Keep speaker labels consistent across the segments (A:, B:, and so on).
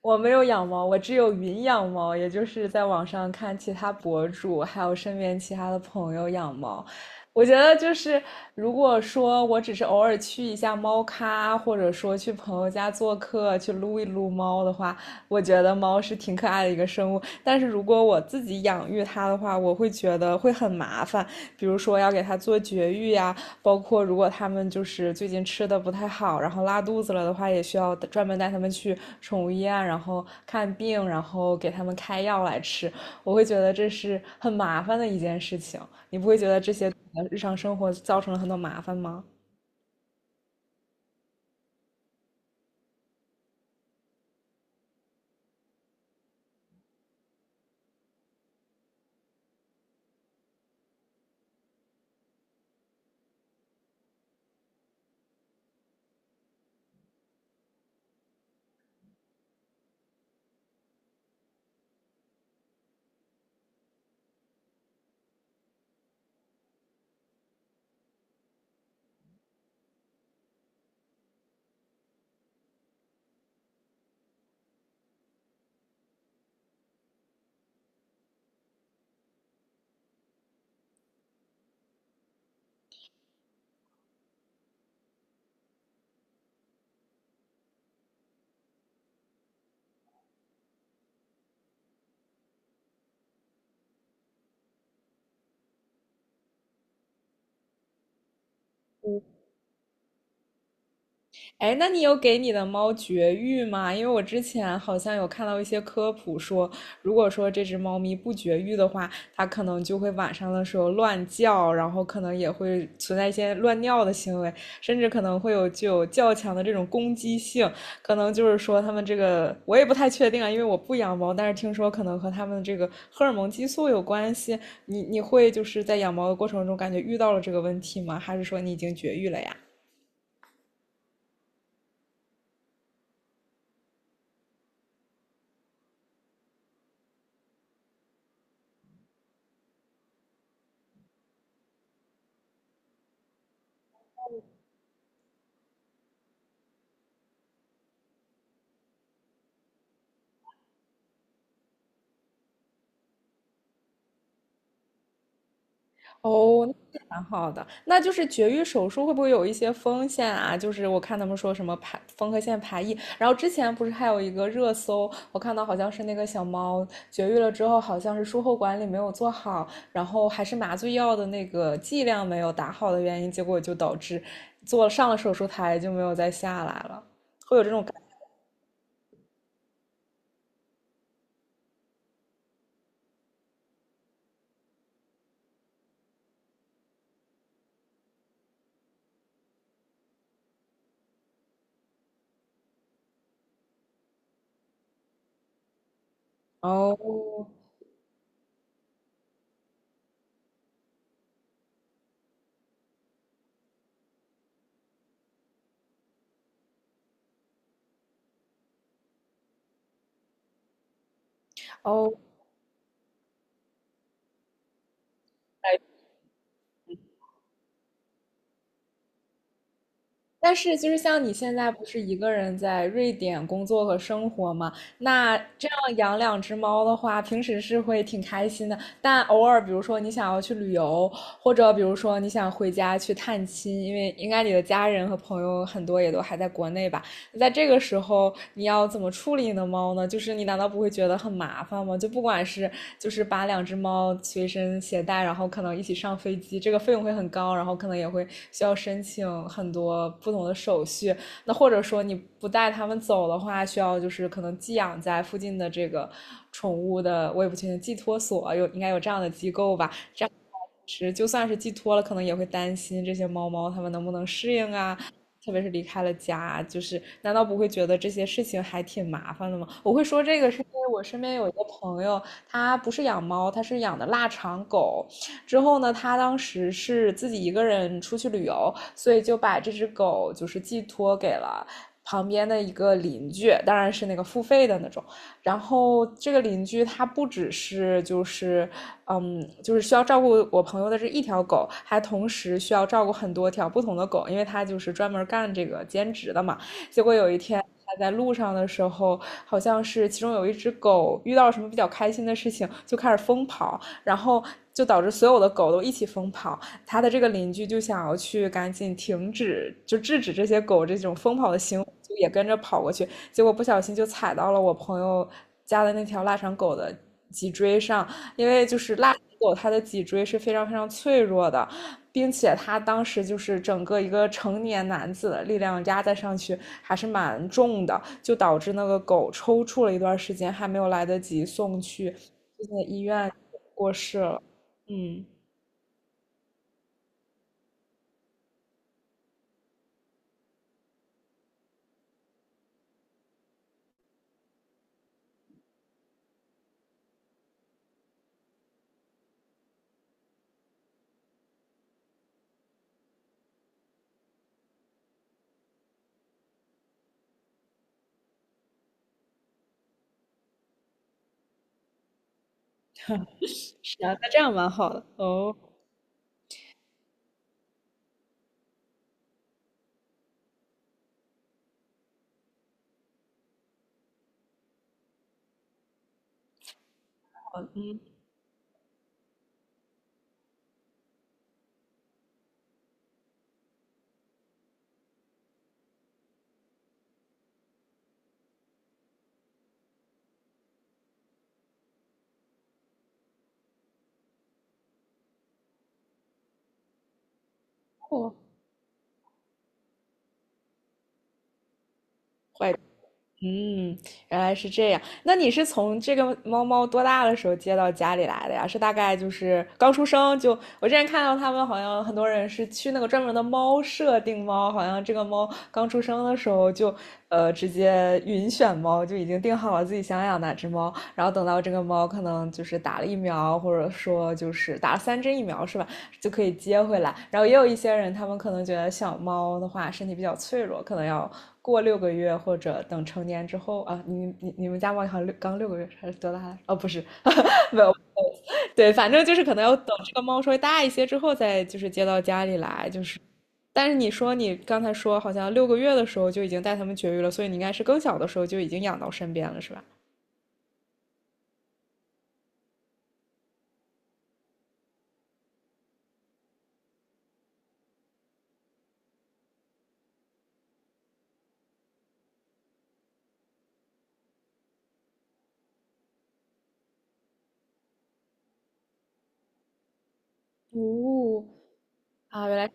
A: 我没有养猫，我只有云养猫，也就是在网上看其他博主，还有身边其他的朋友养猫。我觉得就是，如果说我只是偶尔去一下猫咖，或者说去朋友家做客，去撸一撸猫的话，我觉得猫是挺可爱的一个生物。但是如果我自己养育它的话，我会觉得会很麻烦，比如说要给它做绝育呀、包括如果他们就是最近吃的不太好，然后拉肚子了的话，也需要专门带他们去宠物医院，然后看病，然后给他们开药来吃。我会觉得这是很麻烦的一件事情，你不会觉得这些日常生活造成了很多麻烦吗？哎，那你有给你的猫绝育吗？因为我之前好像有看到一些科普说，如果说这只猫咪不绝育的话，它可能就会晚上的时候乱叫，然后可能也会存在一些乱尿的行为，甚至可能会有具有较强的这种攻击性。可能就是说它们这个，我也不太确定啊，因为我不养猫，但是听说可能和它们这个荷尔蒙激素有关系。你会就是在养猫的过程中感觉遇到了这个问题吗？还是说你已经绝育了呀？哦，那蛮好的。那就是绝育手术会不会有一些风险啊？就是我看他们说什么排缝合线排异，然后之前不是还有一个热搜，我看到好像是那个小猫绝育了之后，好像是术后管理没有做好，然后还是麻醉药的那个剂量没有打好的原因，结果就导致做上了手术台就没有再下来了，会有这种感觉哦哦，但是就是像你现在不是一个人在瑞典工作和生活嘛？那这样养两只猫的话，平时是会挺开心的。但偶尔，比如说你想要去旅游，或者比如说你想回家去探亲，因为应该你的家人和朋友很多也都还在国内吧。在这个时候，你要怎么处理你的猫呢？就是你难道不会觉得很麻烦吗？就不管是就是把两只猫随身携带，然后可能一起上飞机，这个费用会很高，然后可能也会需要申请很多不同的手续。那或者说你不带它们走的话，需要就是可能寄养在附近的这个宠物的，我也不确定寄托所有应该有这样的机构吧？这样。其实就算是寄托了，可能也会担心这些猫猫它们能不能适应啊，特别是离开了家啊，就是难道不会觉得这些事情还挺麻烦的吗？我会说这个是因为我身边有一个朋友，他不是养猫，他是养的腊肠狗。之后呢，他当时是自己一个人出去旅游，所以就把这只狗就是寄托给了。旁边的一个邻居，当然是那个付费的那种。然后这个邻居他不只是就是就是需要照顾我朋友的这一条狗，还同时需要照顾很多条不同的狗，因为他就是专门干这个兼职的嘛。结果有一天他在路上的时候，好像是其中有一只狗遇到了什么比较开心的事情，就开始疯跑，然后就导致所有的狗都一起疯跑。他的这个邻居就想要去赶紧停止，就制止这些狗这种疯跑的行为，就也跟着跑过去，结果不小心就踩到了我朋友家的那条腊肠狗的脊椎上，因为就是腊肠狗它的脊椎是非常非常脆弱的，并且它当时就是整个一个成年男子的力量压在上去还是蛮重的，就导致那个狗抽搐了一段时间，还没有来得及送去最近的医院过世了。嗯，是啊，那这样蛮好的。坏，嗯，原来是这样。那你是从这个猫猫多大的时候接到家里来的呀？是大概就是刚出生就，我之前看到他们好像很多人是去那个专门的猫舍定猫，好像这个猫刚出生的时候就，直接云选猫就已经定好了自己想养哪只猫。然后等到这个猫可能就是打了疫苗，或者说就是打了三针疫苗是吧，就可以接回来。然后也有一些人，他们可能觉得小猫的话身体比较脆弱，可能要过六个月或者等成年之后啊。你们家猫好像刚六个月还是多大？哦，不是，没有，对，反正就是可能要等这个猫稍微大一些之后再就是接到家里来，就是。但是你说你刚才说好像六个月的时候就已经带它们绝育了，所以你应该是更小的时候就已经养到身边了，是吧？哦，啊，原来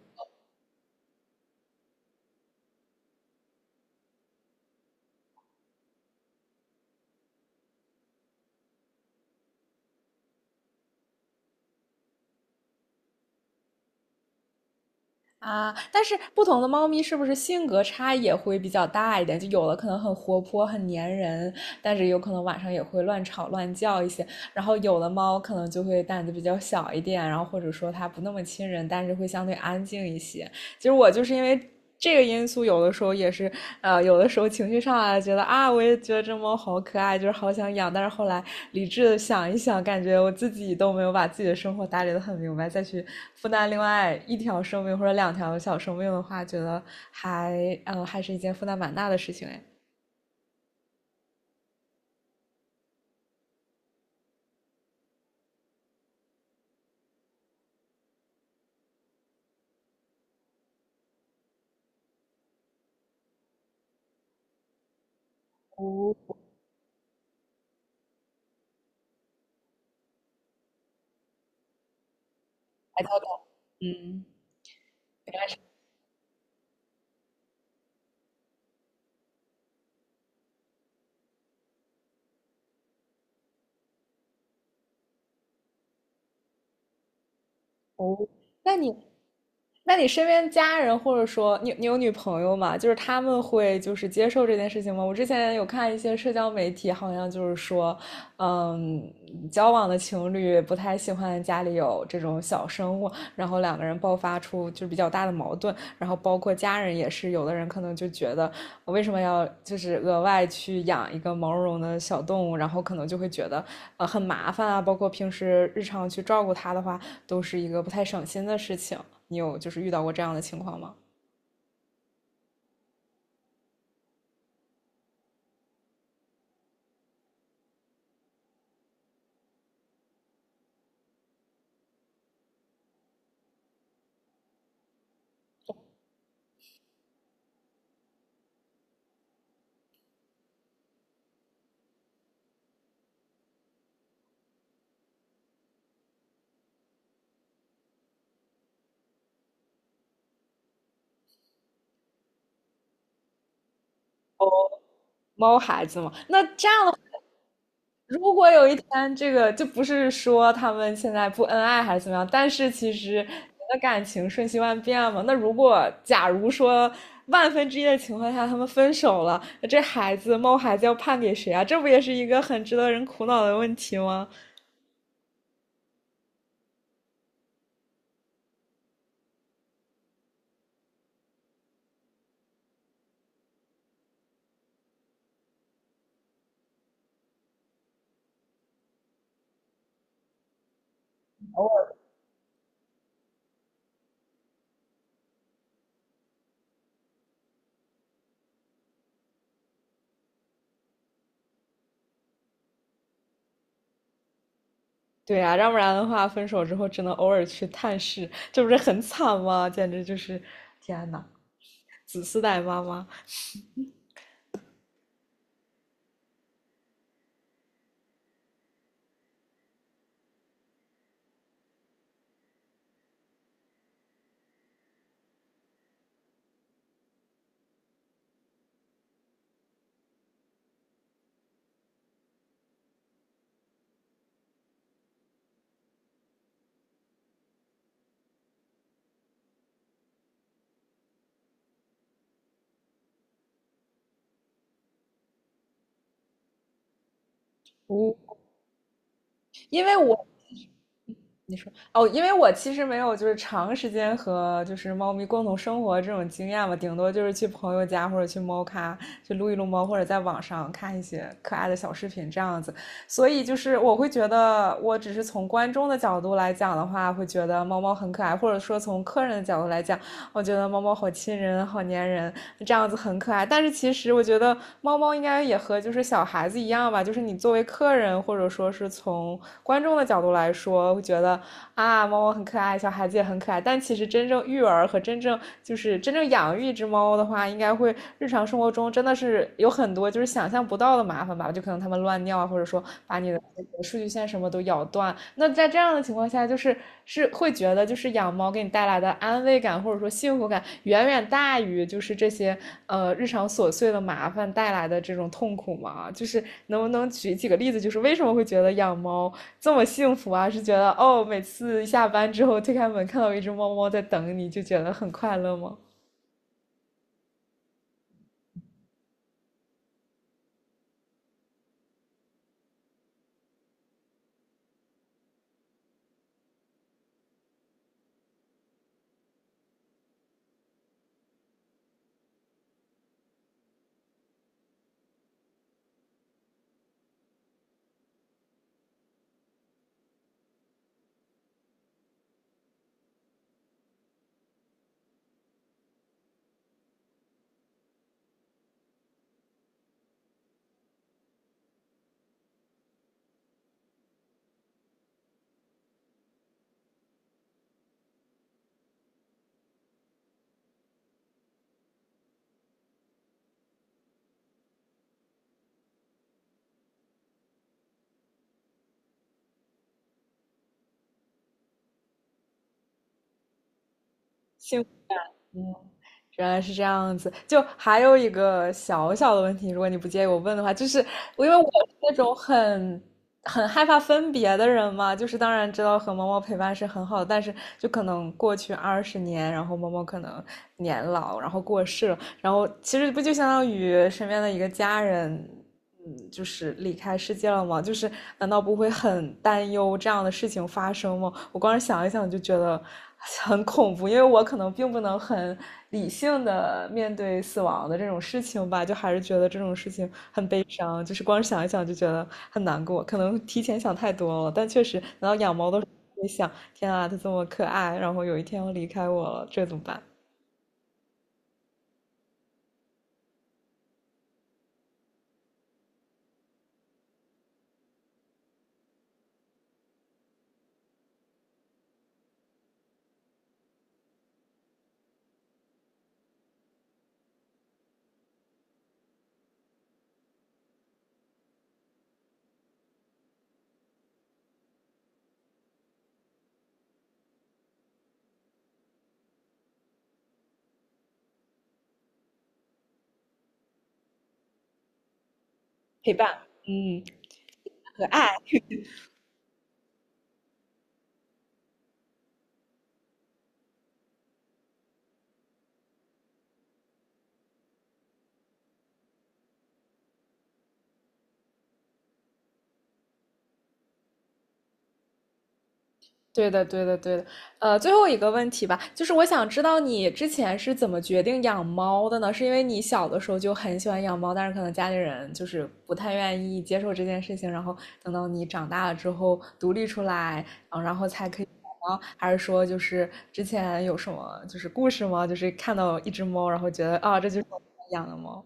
A: 啊，但是不同的猫咪是不是性格差异也会比较大一点？就有的可能很活泼、很粘人，但是有可能晚上也会乱吵乱叫一些。然后有的猫可能就会胆子比较小一点，然后或者说它不那么亲人，但是会相对安静一些。其实我就是因为这个因素，有的时候也是，有的时候情绪上来，觉得啊，我也觉得这猫好可爱，就是好想养。但是后来理智的想一想，感觉我自己都没有把自己的生活打理得很明白，再去负担另外一条生命或者两条小生命的话，觉得还，还是一件负担蛮大的事情哎。哦，那你，那你身边家人或者说你你有女朋友吗？就是他们会就是接受这件事情吗？我之前有看一些社交媒体，好像就是说，嗯，交往的情侣不太喜欢家里有这种小生物。然后两个人爆发出就是比较大的矛盾，然后包括家人也是，有的人可能就觉得我为什么要就是额外去养一个毛茸茸的小动物，然后可能就会觉得很麻烦啊，包括平时日常去照顾它的话，都是一个不太省心的事情。你有就是遇到过这样的情况吗？猫孩子嘛。那这样的话，如果有一天这个就不是说他们现在不恩爱还是怎么样，但是其实人的感情瞬息万变嘛。那如果假如说万分之一的情况下他们分手了，那这猫孩子要判给谁啊？这不也是一个很值得人苦恼的问题吗？对呀，要不然的话，分手之后只能偶尔去探视，这不是很惨吗？简直就是，天呐，子嗣带妈妈。无，因为我哦，因为我其实没有就是长时间和就是猫咪共同生活这种经验嘛，顶多就是去朋友家或者去猫咖去撸一撸猫，或者在网上看一些可爱的小视频这样子。所以就是我会觉得，我只是从观众的角度来讲的话，会觉得猫猫很可爱，或者说从客人的角度来讲，我觉得猫猫好亲人，好粘人，这样子很可爱。但是其实我觉得猫猫应该也和就是小孩子一样吧，就是你作为客人或者说是从观众的角度来说，会觉得啊，猫猫很可爱，小孩子也很可爱。但其实真正育儿和真正就是真正养育一只猫的话，应该会日常生活中真的是有很多就是想象不到的麻烦吧，就可能它们乱尿啊，或者说把你的这个数据线什么都咬断。那在这样的情况下，就是是会觉得就是养猫给你带来的安慰感或者说幸福感，远远大于就是这些日常琐碎的麻烦带来的这种痛苦吗？就是能不能举几个例子，就是为什么会觉得养猫这么幸福啊？是觉得哦，每次下班之后推开门看到一只猫猫在等你，就觉得很快乐吗？幸福嗯，原来是这样子。就还有一个小小的问题，如果你不介意我问的话，就是因为我是那种很害怕分别的人嘛，就是当然知道和猫猫陪伴是很好的但是就可能过去20年，然后猫猫可能年老，然后过世了，然后其实不就相当于身边的一个家人，嗯，就是离开世界了吗？就是难道不会很担忧这样的事情发生吗？我光是想一想就觉得很恐怖，因为我可能并不能很理性的面对死亡的这种事情吧，就还是觉得这种事情很悲伤，就是光是想一想就觉得很难过，可能提前想太多了，但确实，难道养猫的时候会想，天啊，它这么可爱，然后有一天要离开我了，这怎么办？陪伴，嗯，和爱。对的，对的，对的。最后一个问题吧，就是我想知道你之前是怎么决定养猫的呢？是因为你小的时候就很喜欢养猫，但是可能家里人就是不太愿意接受这件事情，然后等到你长大了之后独立出来，嗯，然后才可以养猫，还是说就是之前有什么就是故事吗？就是看到一只猫，然后觉得啊，这就是我养的猫。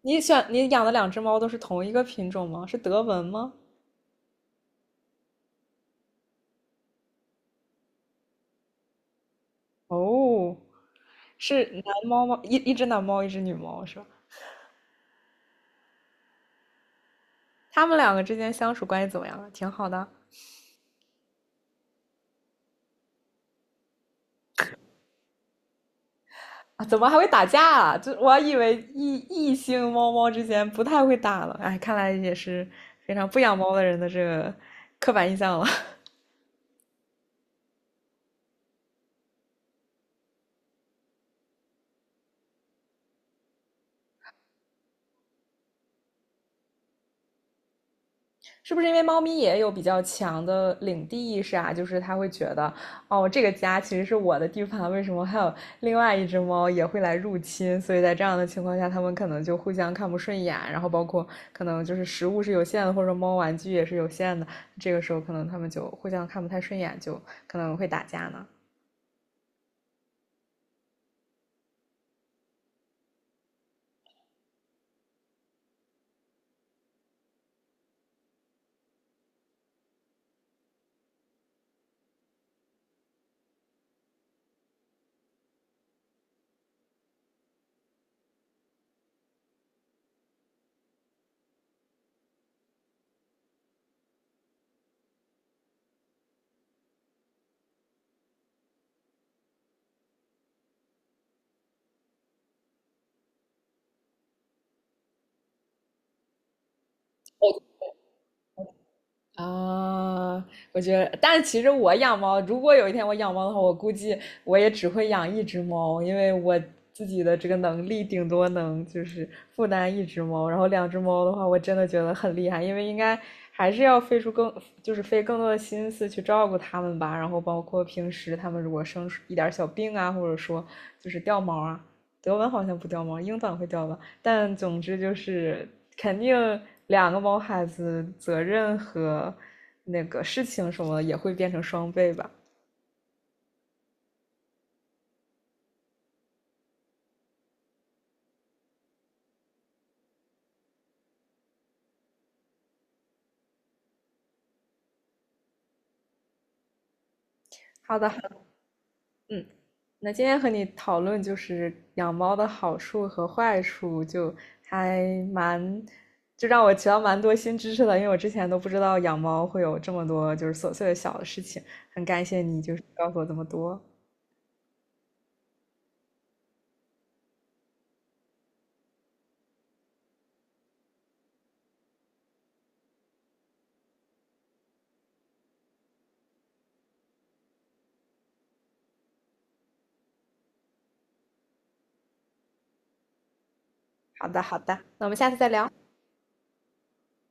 A: 你选你养的两只猫都是同一个品种吗？是德文吗？哦。是男猫吗？一只男猫，一只女猫是吧？他们两个之间相处关系怎么样啊？挺好的啊？怎么还会打架啊？就我还以为异性猫猫之间不太会打了，哎，看来也是非常不养猫的人的这个刻板印象了。是不是因为猫咪也有比较强的领地意识啊？就是它会觉得，哦，这个家其实是我的地盘，为什么还有另外一只猫也会来入侵？所以在这样的情况下，它们可能就互相看不顺眼，然后包括可能就是食物是有限的，或者猫玩具也是有限的，这个时候可能它们就互相看不太顺眼，就可能会打架呢。啊，我觉得，但是其实我养猫，如果有一天我养猫的话，我估计我也只会养一只猫，因为我自己的这个能力顶多能就是负担一只猫，然后两只猫的话，我真的觉得很厉害，因为应该还是要费出更，就是费更多的心思去照顾它们吧，然后包括平时它们如果生一点小病啊，或者说就是掉毛啊，德文好像不掉毛，英短会掉吧。但总之就是肯定两个毛孩子责任和那个事情什么的也会变成双倍吧。好的，好的嗯，那今天和你讨论就是养猫的好处和坏处，就还蛮就让我学到蛮多新知识的，因为我之前都不知道养猫会有这么多就是琐碎的小的事情，很感谢你就是告诉我这么多。好的，好的，那我们下次再聊。